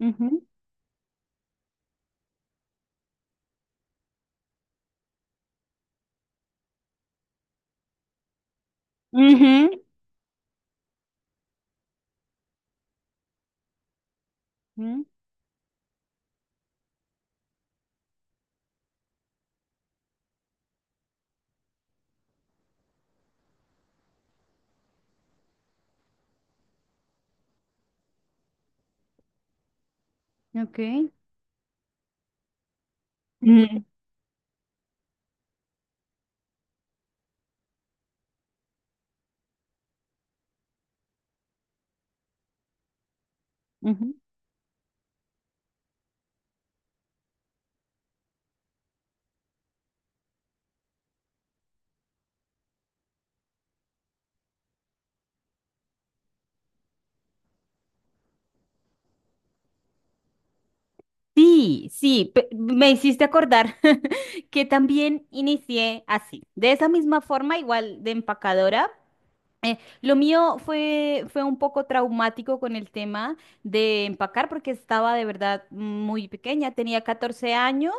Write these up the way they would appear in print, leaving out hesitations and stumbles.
Ujú, ujú, ujú, ok. Mm, ujú. Sí, sí, me hiciste acordar que también inicié así, de esa misma forma, igual de empacadora. Lo mío fue un poco traumático con el tema de empacar porque estaba de verdad muy pequeña, tenía 14 años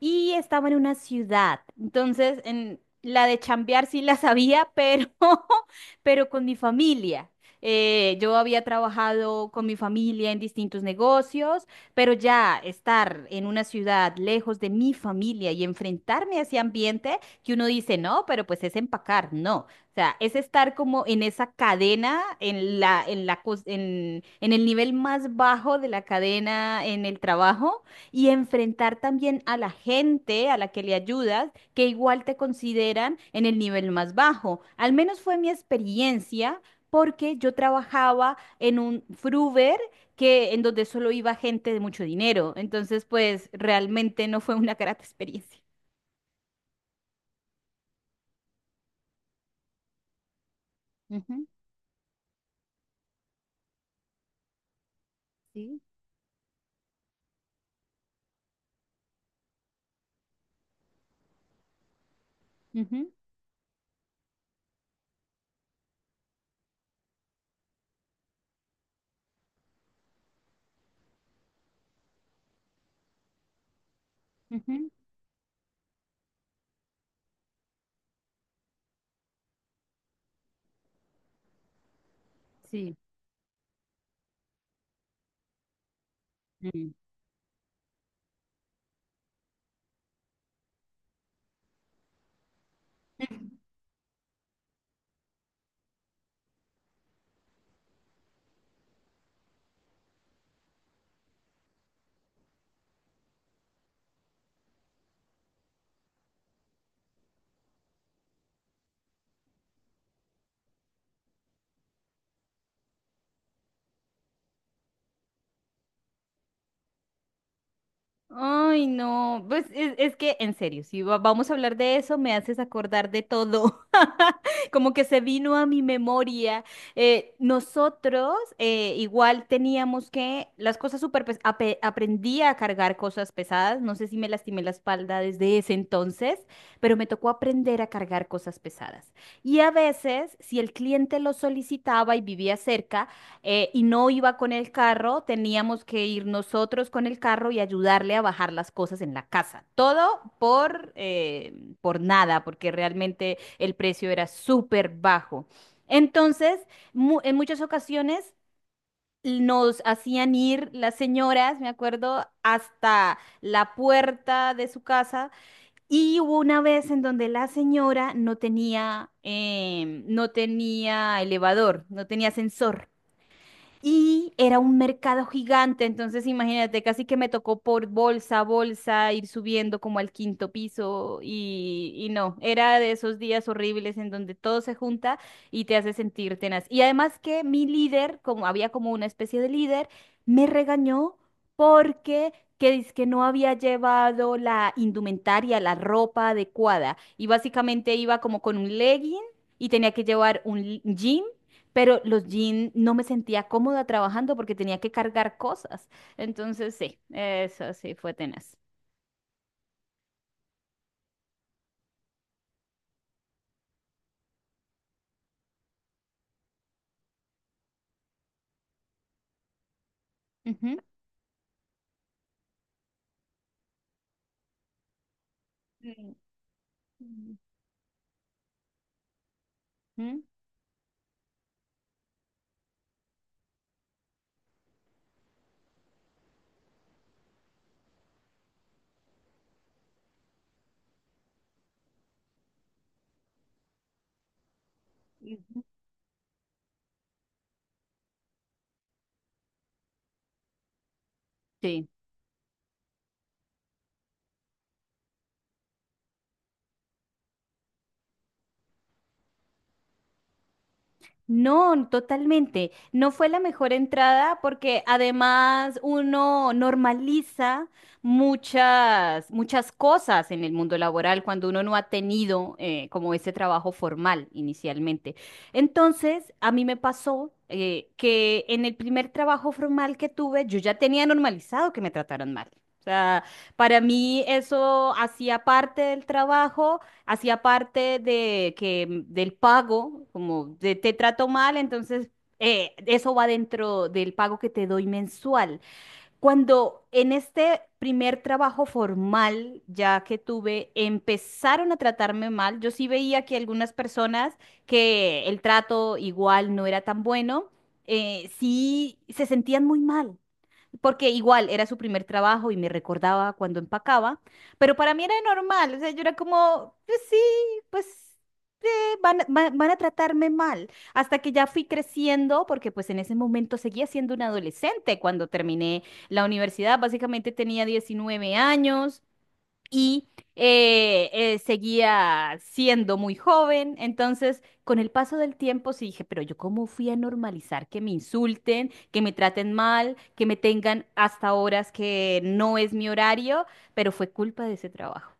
y estaba en una ciudad. Entonces, en la de chambear sí la sabía, pero, pero con mi familia. Yo había trabajado con mi familia en distintos negocios, pero ya estar en una ciudad lejos de mi familia y enfrentarme a ese ambiente que uno dice, no, pero pues es empacar, no. O sea, es estar como en esa cadena, en el nivel más bajo de la cadena en el trabajo y enfrentar también a la gente a la que le ayudas, que igual te consideran en el nivel más bajo. Al menos fue mi experiencia porque yo trabajaba en un fruver que en donde solo iba gente de mucho dinero. Entonces, pues realmente no fue una grata experiencia. Ujú, sí, ujú, ujú, sí. Ay, no, pues es que en serio, si vamos a hablar de eso, me haces acordar de todo, como que se vino a mi memoria. Nosotros igual teníamos que, las cosas súper, aprendí a cargar cosas pesadas, no sé si me lastimé la espalda desde ese entonces, pero me tocó aprender a cargar cosas pesadas. Y a veces, si el cliente lo solicitaba y vivía cerca, y no iba con el carro, teníamos que ir nosotros con el carro y ayudarle a bajar las cosas en la casa. Todo por nada, porque realmente el precio era súper bajo. Entonces, en muchas ocasiones nos hacían ir las señoras, me acuerdo, hasta la puerta de su casa. Y hubo una vez en donde la señora no tenía, no tenía elevador, no tenía ascensor. Y era un mercado gigante, entonces imagínate, casi que me tocó por bolsa a bolsa ir subiendo como al quinto piso y no, era de esos días horribles en donde todo se junta y te hace sentir tenaz. Y además que mi líder, como había como una especie de líder, me regañó porque que dizque no había llevado la indumentaria, la ropa adecuada y básicamente iba como con un legging y tenía que llevar un jean pero los jeans no me sentía cómoda trabajando porque tenía que cargar cosas. Entonces, sí, eso sí fue tenaz. Ujú. Sí. Ujú. Sí. No, totalmente. No fue la mejor entrada porque además uno normaliza muchas, muchas cosas en el mundo laboral cuando uno no ha tenido como ese trabajo formal inicialmente. Entonces, a mí me pasó que en el primer trabajo formal que tuve, yo ya tenía normalizado que me trataron mal. O sea, para mí eso hacía parte del trabajo hacía parte de que del pago, como de, te trato mal, entonces eso va dentro del pago que te doy mensual. Cuando en este primer trabajo formal ya que tuve, empezaron a tratarme mal, yo sí veía que algunas personas que el trato igual no era tan bueno, sí se sentían muy mal porque igual era su primer trabajo y me recordaba cuando empacaba, pero para mí era normal, o sea, yo era como, pues sí, pues van a tratarme mal, hasta que ya fui creciendo, porque pues en ese momento seguía siendo una adolescente cuando terminé la universidad, básicamente tenía 19 años y seguía siendo muy joven. Entonces, con el paso del tiempo, sí dije, pero yo cómo fui a normalizar que me insulten, que me traten mal, que me tengan hasta horas que no es mi horario, pero fue culpa de ese trabajo.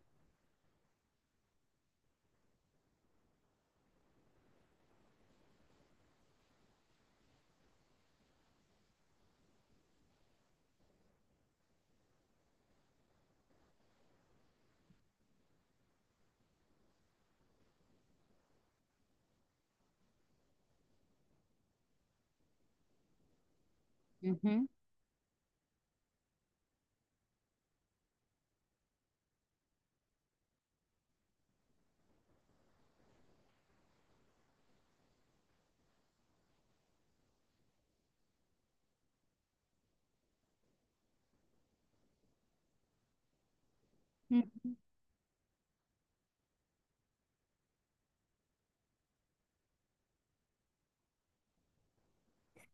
Ujú.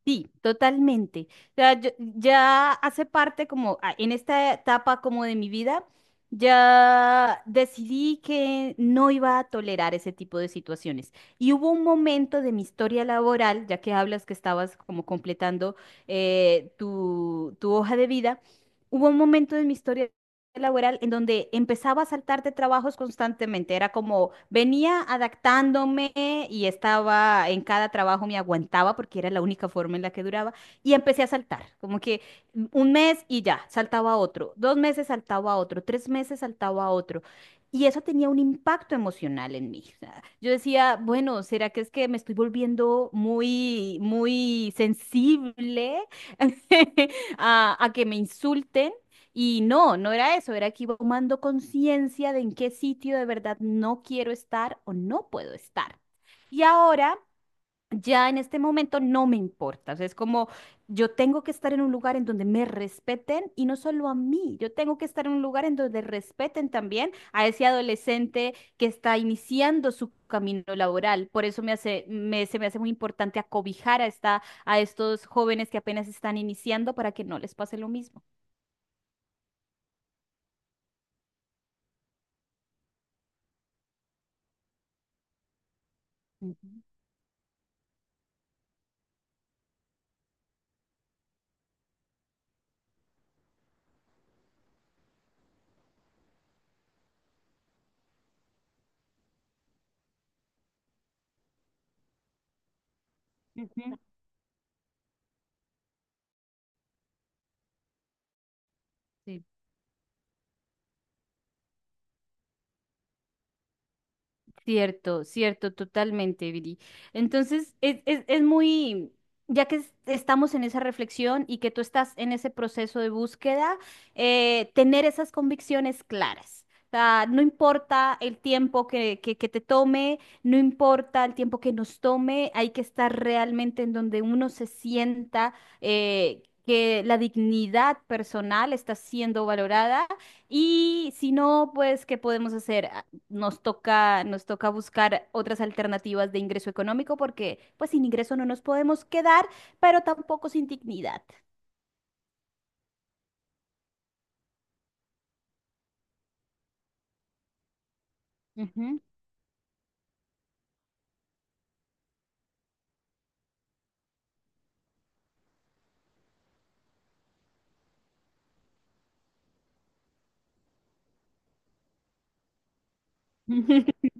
Sí, totalmente. O sea, ya hace parte como ah, en esta etapa como de mi vida, ya decidí que no iba a tolerar ese tipo de situaciones. Y hubo un momento de mi historia laboral, ya que hablas que estabas como completando tu hoja de vida, hubo un momento de mi historia laboral en donde empezaba a saltar de trabajos constantemente. Era como venía adaptándome y estaba en cada trabajo me aguantaba porque era la única forma en la que duraba y empecé a saltar, como que un mes y ya, saltaba a otro, 2 meses saltaba a otro, 3 meses saltaba a otro. Y eso tenía un impacto emocional en mí. O sea, yo decía, bueno, ¿será que es que me estoy volviendo muy, muy sensible a que me insulten? Y no, no era eso, era que iba tomando conciencia de en qué sitio de verdad no quiero estar o no puedo estar. Y ahora, ya en este momento, no me importa. O sea, es como yo tengo que estar en un lugar en donde me respeten y no solo a mí, yo tengo que estar en un lugar en donde respeten también a ese adolescente que está iniciando su camino laboral. Por eso se me hace muy importante acobijar a estos jóvenes que apenas están iniciando para que no les pase lo mismo. Ujú, ujú. Sí, cierto, cierto, totalmente, Viri. Entonces, es muy, ya que estamos en esa reflexión y que tú estás en ese proceso de búsqueda, tener esas convicciones claras. O sea, no importa el tiempo que te tome, no importa el tiempo que nos tome, hay que estar realmente en donde uno se sienta que la dignidad personal está siendo valorada. Y si no, pues, ¿qué podemos hacer? Nos toca, nos toca buscar otras alternativas de ingreso económico porque pues sin ingreso no nos podemos quedar, pero tampoco sin dignidad. Ujú.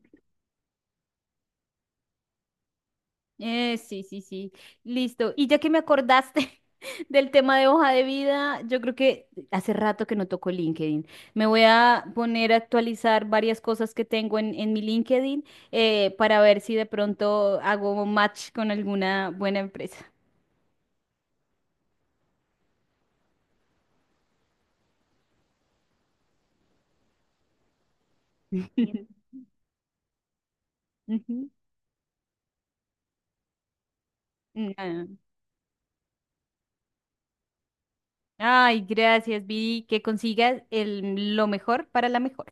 Sí, sí, sí. Listo. Y ya que me acordaste del tema de hoja de vida, yo creo que hace rato que no toco LinkedIn. Me voy a poner a actualizar varias cosas que tengo en mi LinkedIn para ver si de pronto hago match con alguna buena empresa. Ujú. Ah, ay, gracias, Viri, que consigas lo mejor para la mejor.